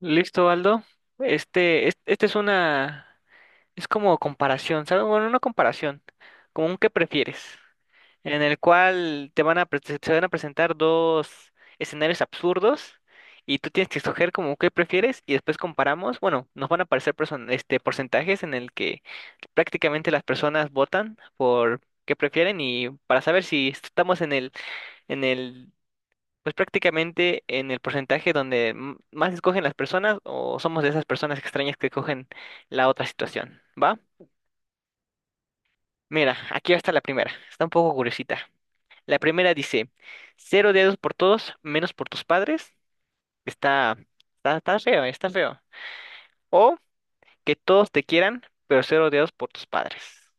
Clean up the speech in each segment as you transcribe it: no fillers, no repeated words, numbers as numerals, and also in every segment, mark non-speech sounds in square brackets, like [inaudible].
Listo, Aldo. Este, es- este, es una, es como comparación, ¿sabes? Bueno, una comparación, como un qué prefieres, en el cual te van a, pre- se van a presentar dos escenarios absurdos y tú tienes que escoger como qué prefieres y después comparamos. Bueno, nos van a aparecer porcentajes en el que prácticamente las personas votan por qué prefieren y para saber si estamos en el pues prácticamente en el porcentaje donde más escogen las personas o somos de esas personas extrañas que escogen la otra situación, ¿va? Mira, aquí está la primera. Está un poco curiosita. La primera dice, cero dedos por todos, menos por tus padres. Está, está feo, está feo. O que todos te quieran, pero cero dedos por tus padres.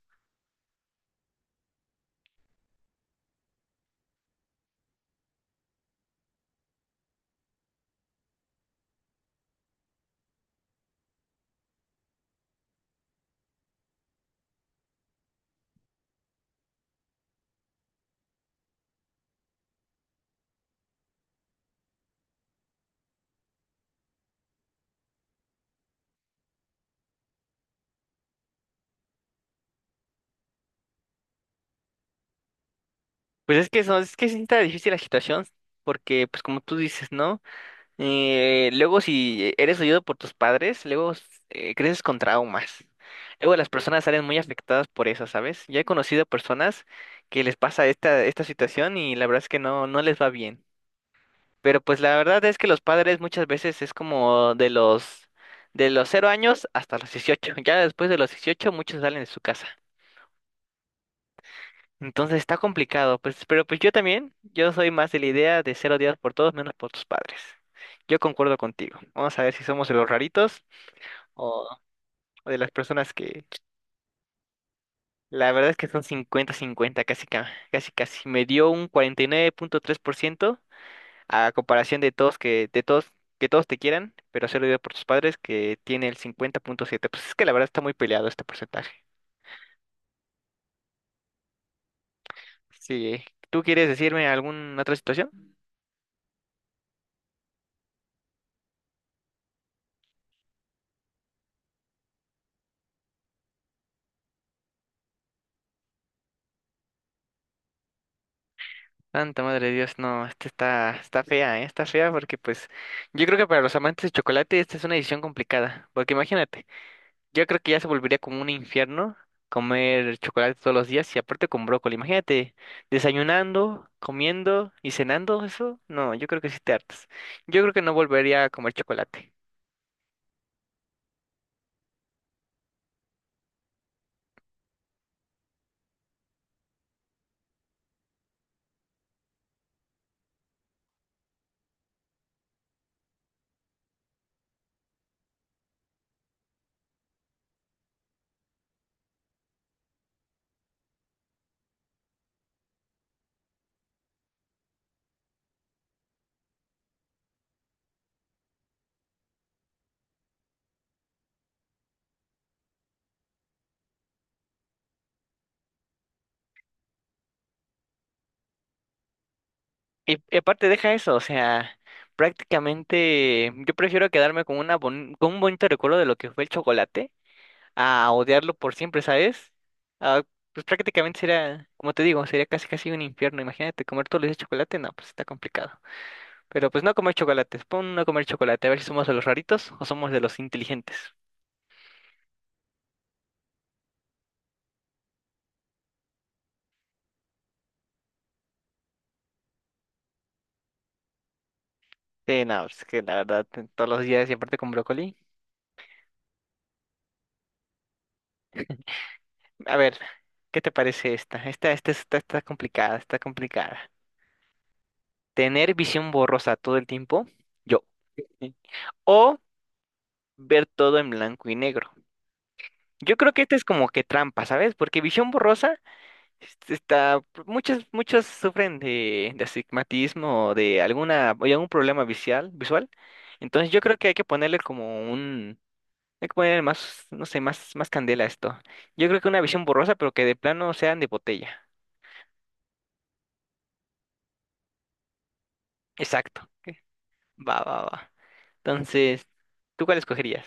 Pues es que, es que sí está difícil la situación, porque pues como tú dices, ¿no? Luego, si eres oído por tus padres, luego creces con traumas. Luego las personas salen muy afectadas por eso, ¿sabes? Yo he conocido personas que les pasa esta situación y la verdad es que no, no les va bien. Pero pues la verdad es que los padres muchas veces es como de los 0 años hasta los 18. Ya después de los 18 muchos salen de su casa. Entonces está complicado, pues, pero pues yo también, yo soy más de la idea de ser odiado por todos menos por tus padres. Yo concuerdo contigo. Vamos a ver si somos de los raritos o, o de las personas que la verdad es que son cincuenta-cincuenta, casi, casi. Me dio un 49.3% a comparación de todos, que todos te quieran, pero ser odiado por tus padres que tiene el 50.7. Pues es que la verdad está muy peleado este porcentaje. Sí, ¿eh? ¿Tú quieres decirme alguna otra situación? Santa madre de Dios, no, esta está, está fea, ¿eh? Está fea porque pues yo creo que para los amantes de chocolate esta es una decisión complicada, porque imagínate, yo creo que ya se volvería como un infierno comer chocolate todos los días y aparte con brócoli, imagínate, desayunando, comiendo y cenando eso, no, yo creo que sí te hartas. Yo creo que no volvería a comer chocolate. Y aparte deja eso, o sea, prácticamente yo prefiero quedarme con una con un bonito recuerdo de lo que fue el chocolate a odiarlo por siempre, ¿sabes? Ah, pues prácticamente sería, como te digo, sería casi casi un infierno. Imagínate comer todos los días chocolate, no, pues está complicado. Pero pues no comer chocolates, pon no comer chocolate, a ver si somos de los raritos o somos de los inteligentes. Sí, no, es que la verdad, todos los días y aparte con brócoli. A ver, ¿qué te parece esta? Esta está complicada, está complicada. ¿Tener visión borrosa todo el tiempo? Yo. Sí. ¿O ver todo en blanco y negro? Yo creo que esta es como que trampa, ¿sabes? Porque visión borrosa. Este Está, muchos sufren de astigmatismo o de alguna, o de algún problema visual, visual. Entonces yo creo que hay que ponerle más, no sé, más, más candela a esto. Yo creo que una visión borrosa, pero que de plano sean de botella. Exacto. Ok. Va, va, va. Entonces, ¿tú cuál escogerías?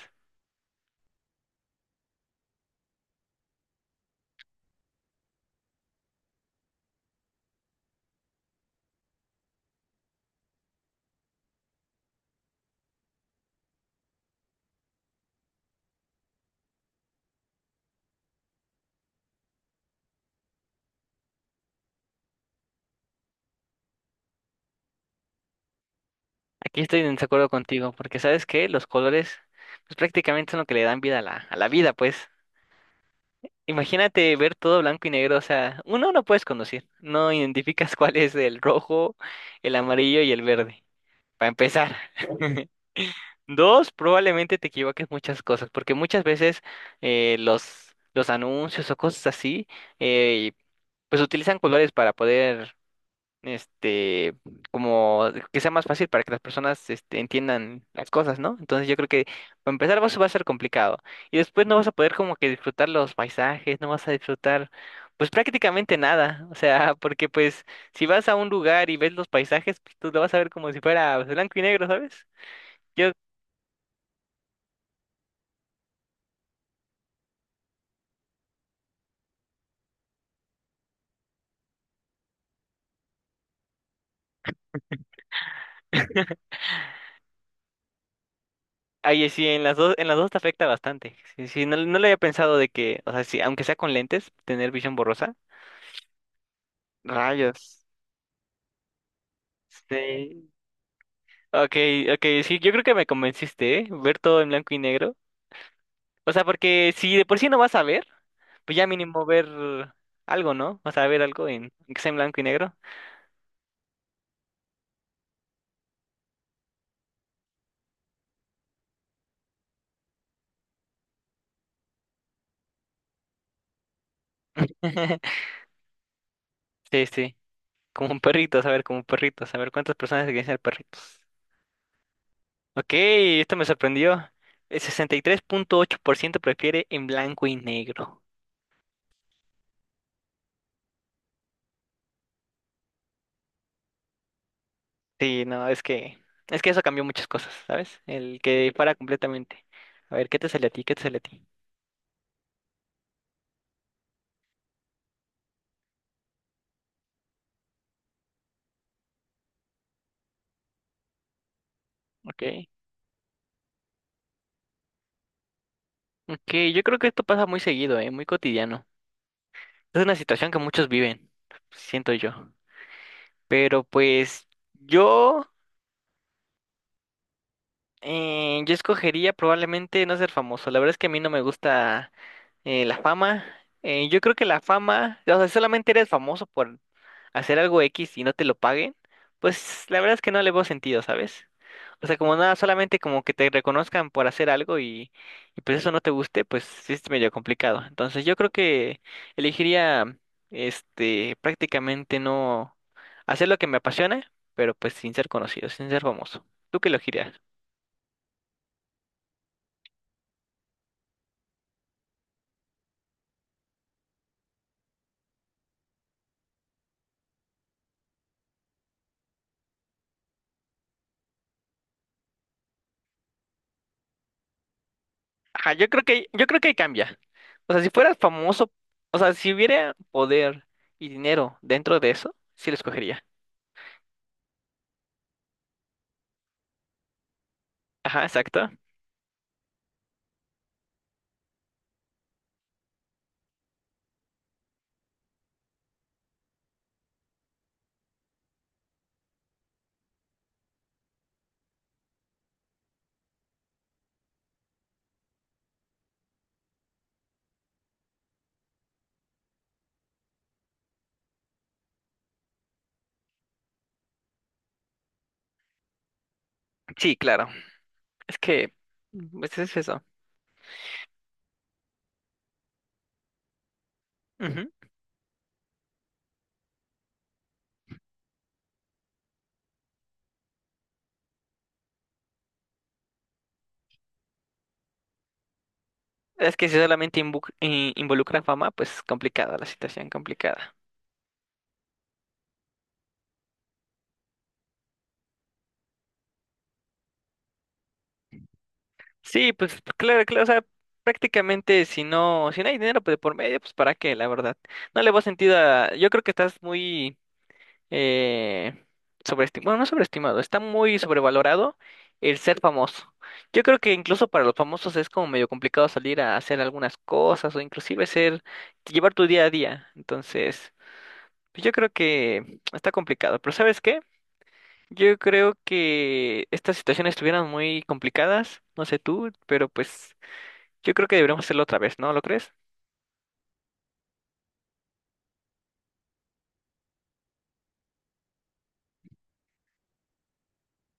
Aquí estoy en desacuerdo contigo, porque sabes que los colores, pues prácticamente son lo que le dan vida a la vida, pues. Imagínate ver todo blanco y negro, o sea, uno no puedes conducir, no identificas [laughs] cuál es el rojo, el amarillo y el verde, para empezar. [laughs] Dos, probablemente te equivoques muchas cosas, porque muchas veces los anuncios o cosas así, eh, pues utilizan colores para poder este, como que sea más fácil para que las personas entiendan las cosas, ¿no? Entonces yo creo que para empezar va a ser complicado y después no vas a poder como que disfrutar los paisajes, no vas a disfrutar pues prácticamente nada, o sea, [laughs] porque pues si vas a un lugar y ves los paisajes, pues tú lo vas a ver como si fuera pues, blanco y negro, ¿sabes? Yo [laughs] Ahí sí, en las dos te afecta bastante. Sí, sí, no, no lo había pensado de que, o sea, sí, aunque sea con lentes, tener visión borrosa. Rayos. Sí. Okay, okay, sí, yo creo que me convenciste, ¿eh? Ver todo en blanco y negro. O sea, porque si de por sí no vas a ver, pues ya mínimo ver algo, ¿no? O sea, ver algo en que sea en blanco y negro. [laughs] Sí, sí. Como un perrito, a ver, como un perrito, a ver cuántas personas quieren ser perritos. Ok, esto me sorprendió. El 63.8% prefiere en blanco y negro. Sí, no, es que eso cambió muchas cosas, ¿sabes? El que para completamente. A ver, ¿qué te sale a ti? ¿Qué te sale a ti? Ok. Ok, yo creo que esto pasa muy seguido, ¿eh? Muy cotidiano. Es una situación que muchos viven, siento yo. Pero pues yo, yo escogería probablemente no ser famoso. La verdad es que a mí no me gusta la fama. Yo creo que la fama, o sea, si solamente eres famoso por hacer algo X y no te lo paguen. Pues la verdad es que no le veo sentido, ¿sabes? O sea, como nada, solamente como que te reconozcan por hacer algo y pues eso no te guste, pues sí es medio complicado. Entonces yo creo que elegiría, prácticamente no hacer lo que me apasiona, pero pues sin ser conocido, sin ser famoso. ¿Tú qué elegirías? Ajá, yo creo que ahí cambia. O sea, si fueras famoso, o sea, si hubiera poder y dinero dentro de eso, sí lo escogería. Ajá, exacto. Sí, claro. Es que, pues es eso. Ujú. Es que si solamente involucra fama, pues complicada la situación, complicada. Sí, pues pues, claro, claro, o sea, prácticamente si no, hay dinero pues, de por medio, pues para qué, la verdad. No le veo sentido a, yo creo que estás muy eh, sobreestimado, bueno, no sobreestimado, está muy sobrevalorado el ser famoso. Yo creo que incluso para los famosos es como medio complicado salir a hacer algunas cosas o inclusive ser, llevar tu día a día. Entonces, pues, yo creo que está complicado, pero ¿sabes qué? Yo creo que estas situaciones estuvieran muy complicadas, no sé tú, pero pues yo creo que deberíamos hacerlo otra vez, ¿no lo crees?